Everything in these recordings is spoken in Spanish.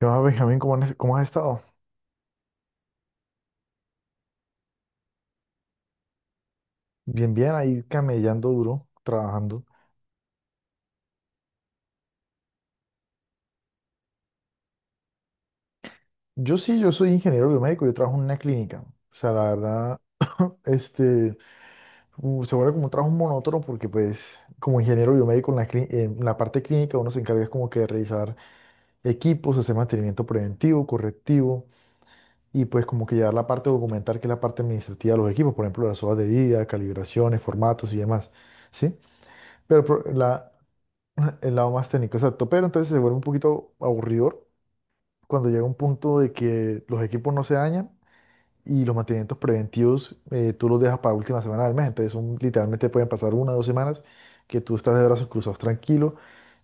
¿Qué más, Benjamín? ¿Cómo has estado? Bien, bien, ahí camellando duro, trabajando. Yo sí, yo soy ingeniero biomédico, yo trabajo en una clínica. O sea, la verdad, este, se vuelve como un trabajo monótono porque pues como ingeniero biomédico en la parte clínica uno se encarga es como que de revisar equipos, hacer mantenimiento preventivo, correctivo y pues como que llevar la parte documental que es la parte administrativa de los equipos, por ejemplo, las hojas de vida, calibraciones, formatos y demás. ¿Sí? Pero pro- la, el lado más técnico, exacto. Pero entonces se vuelve un poquito aburridor cuando llega un punto de que los equipos no se dañan y los mantenimientos preventivos tú los dejas para última semana del mes. Entonces son, literalmente pueden pasar una o dos semanas que tú estás de brazos cruzados tranquilo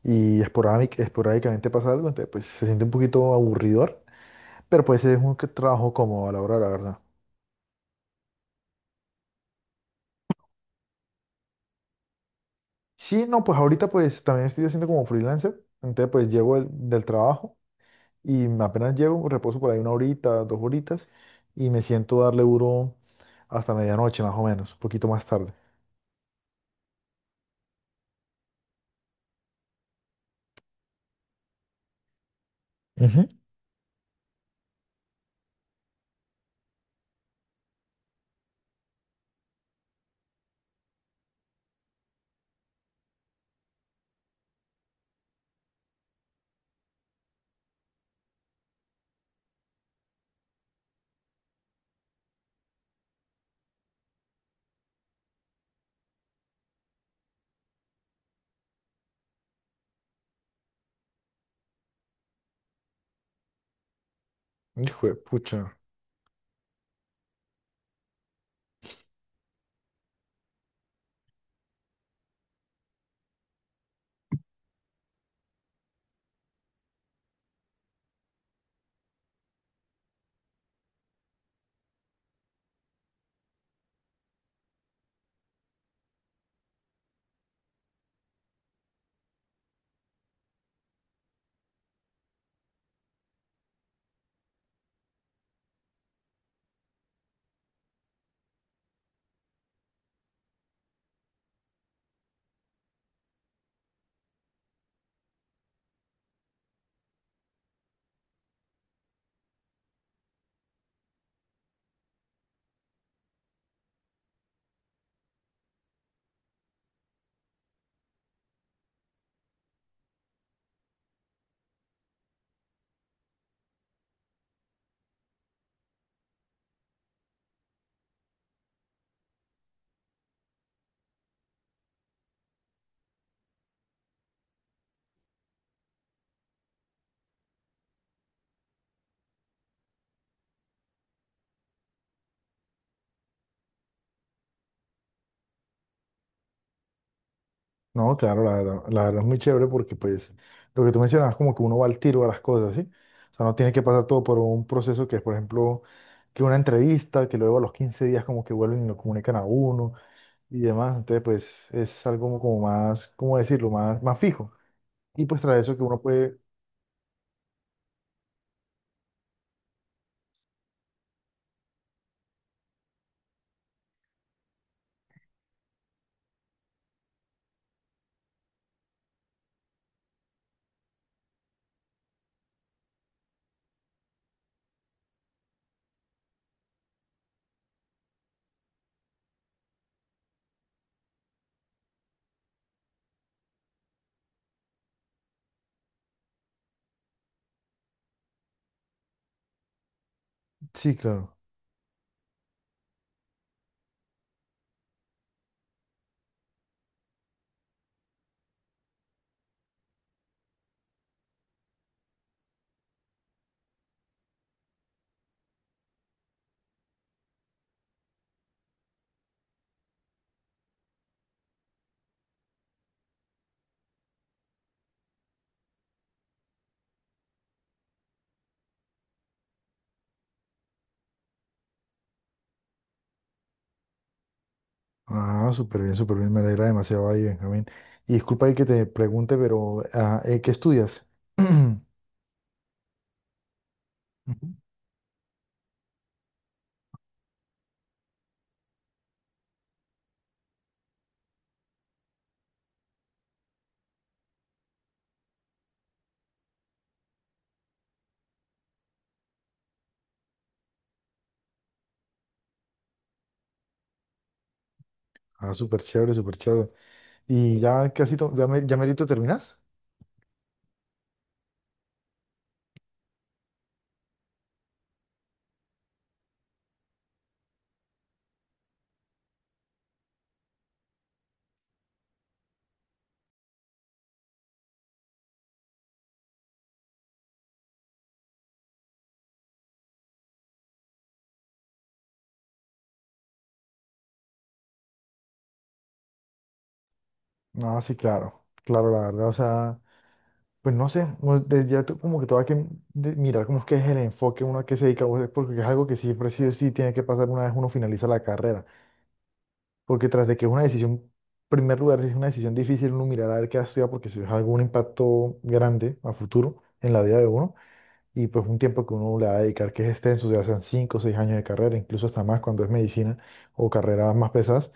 y esporádicamente pasa algo, entonces pues se siente un poquito aburridor, pero pues es un trabajo cómodo a la hora, de la verdad. Sí, no, pues ahorita pues también estoy haciendo como freelancer, entonces pues llego del trabajo. Y apenas llego, reposo por ahí una horita, dos horitas y me siento a darle duro hasta medianoche más o menos, un poquito más tarde. Ujú. Hijo de pucha. No, claro, la verdad es muy chévere porque pues lo que tú mencionabas como que uno va al tiro a las cosas, ¿sí? O sea, no tiene que pasar todo por un proceso que es, por ejemplo, que una entrevista, que luego a los 15 días como que vuelven y lo comunican a uno y demás. Entonces, pues es algo como, como más, ¿cómo decirlo? Más, más fijo. Y pues tras eso que uno puede, sí, claro. Ah, súper bien, súper bien. Me alegra demasiado ahí, Benjamín. Y disculpa ahí que te pregunte, pero ¿qué estudias? Ujú. Ah, súper chévere, súper chévere. ¿Y ya casi, to- ya, me, ya merito terminas? Ah, sí, claro, claro, la verdad, o sea, pues no sé, pues, de- ya tú como que todo hay que de- mirar cómo es que es el enfoque, uno a qué se dedica, o sea, porque es algo que siempre sí o sí tiene que pasar una vez uno finaliza la carrera. Porque tras de que es una decisión, en primer lugar, es una decisión difícil uno mirar a ver qué va a estudiar porque si es algún impacto grande a futuro en la vida de uno y pues un tiempo que uno le va a dedicar que es extenso, ya sean 5 o 6 años de carrera, incluso hasta más cuando es medicina o carreras más pesadas.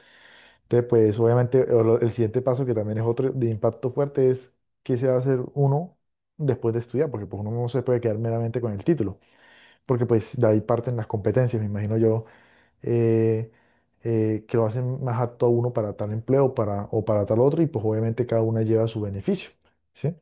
Entonces, pues obviamente o lo- el siguiente paso que también es otro de impacto fuerte es qué se va a hacer uno después de estudiar, porque pues uno no se puede quedar meramente con el título, porque pues de ahí parten las competencias, me imagino yo eh, que lo hacen más apto a uno para tal empleo para, o para tal otro, y pues obviamente cada una lleva su beneficio, ¿sí?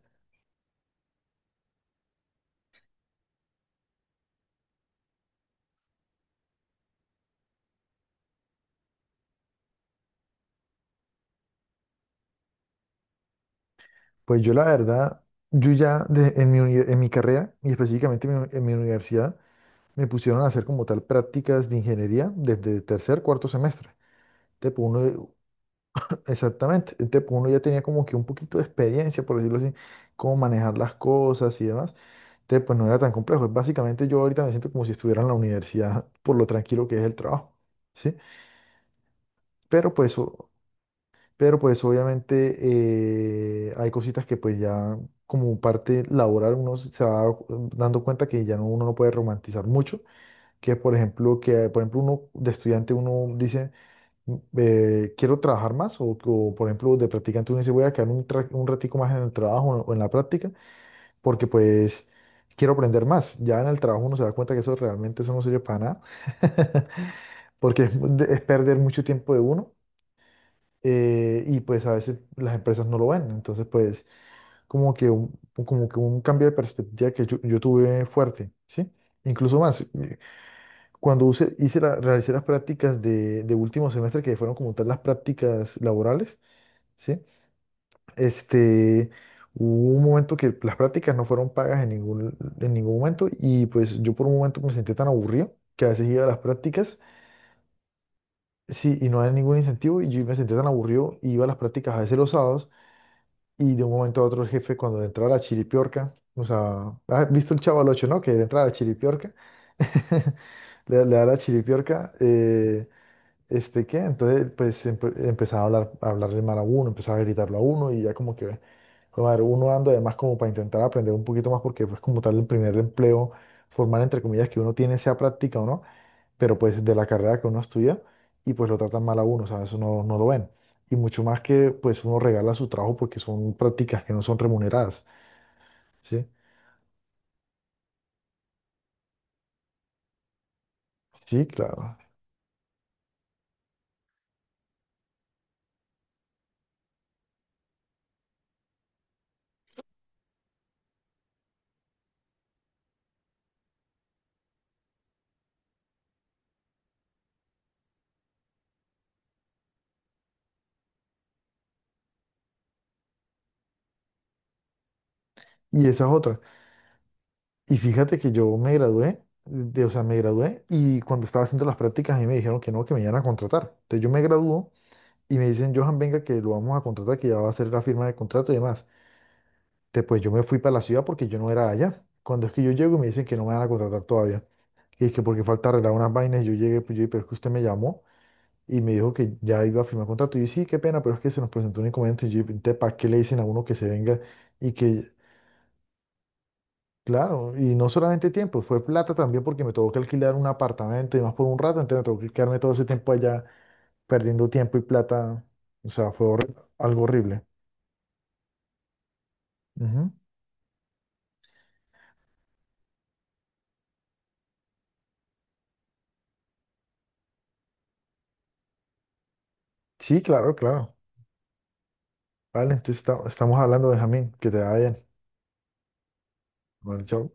Pues yo la verdad, yo ya de- en mi, uni- en mi carrera y específicamente en mi universidad, me pusieron a hacer como tal prácticas de ingeniería desde tercer, cuarto semestre. Entonces, pues, uno, exactamente. Entonces, pues, uno ya tenía como que un poquito de experiencia, por decirlo así, cómo manejar las cosas y demás. Entonces, pues no era tan complejo. Básicamente yo ahorita me siento como si estuviera en la universidad por lo tranquilo que es el trabajo, ¿sí? Pero pues, o- pero pues obviamente hay cositas que pues ya como parte laboral uno se va dando cuenta que ya no, uno no puede romantizar mucho, que por ejemplo uno de estudiante uno dice quiero trabajar más por ejemplo de practicante uno dice voy a quedar un ratico más en el trabajo o en la práctica porque pues quiero aprender más. Ya en el trabajo uno se da cuenta que eso realmente eso no sirve para nada porque es, mu- de- es perder mucho tiempo de uno y pues a veces las empresas no lo ven. Entonces pues como que un, como que un cambio de perspectiva que yo tuve fuerte, ¿sí? Incluso más, cuando realicé las prácticas de último semestre, que fueron como tal las prácticas laborales, ¿sí? Este, hubo un momento que las prácticas no fueron pagas en ningún momento y pues yo por un momento me sentí tan aburrido que a veces iba a las prácticas, sí, y no había ningún incentivo y yo me sentí tan aburrido y iba a las prácticas a veces los sábados y de un momento a otro el jefe cuando le entraba la chiripiorca, o sea, ¿has visto el Chavo al Ocho, no? Que le entra la chiripiorca, le da la chiripiorca, este, ¿qué? Entonces, pues empezaba a hablar, a hablarle mal a uno, empezaba a gritarlo a uno y ya como que, joder, madre, uno ando además como para intentar aprender un poquito más porque pues como tal el primer empleo formal, entre comillas, que uno tiene, sea práctica o no, pero pues de la carrera que uno estudia y pues lo tratan mal a uno, o sea, eso no, no lo ven. Y mucho más que pues uno regala su trabajo porque son prácticas que no son remuneradas, ¿sí? Sí, claro. Y esa es otra. Y fíjate que yo me gradué, de, o sea, me gradué y cuando estaba haciendo las prácticas a mí me dijeron que no, que me iban a contratar. Entonces yo me graduó y me dicen, Johan, venga, que lo vamos a contratar, que ya va a hacer la firma de contrato y demás. Entonces pues yo me fui para la ciudad porque yo no era allá. Cuando es que yo llego y me dicen que no me van a contratar todavía. Y es que porque falta arreglar unas vainas, yo llegué, pues yo, pero es que usted me llamó y me dijo que ya iba a firmar contrato. Y yo, sí, qué pena, pero es que se nos presentó un inconveniente. Y yo, ¿para qué le dicen a uno que se venga y que Claro, y no solamente tiempo, fue plata también porque me tuvo que alquilar un apartamento y más por un rato, entonces me tuvo que quedarme todo ese tiempo allá perdiendo tiempo y plata, o sea, fue algo horrible. Ujú. Sí, claro, claro. Vale, entonces estamos hablando de Jamín, que te vaya bien. Vale, chao.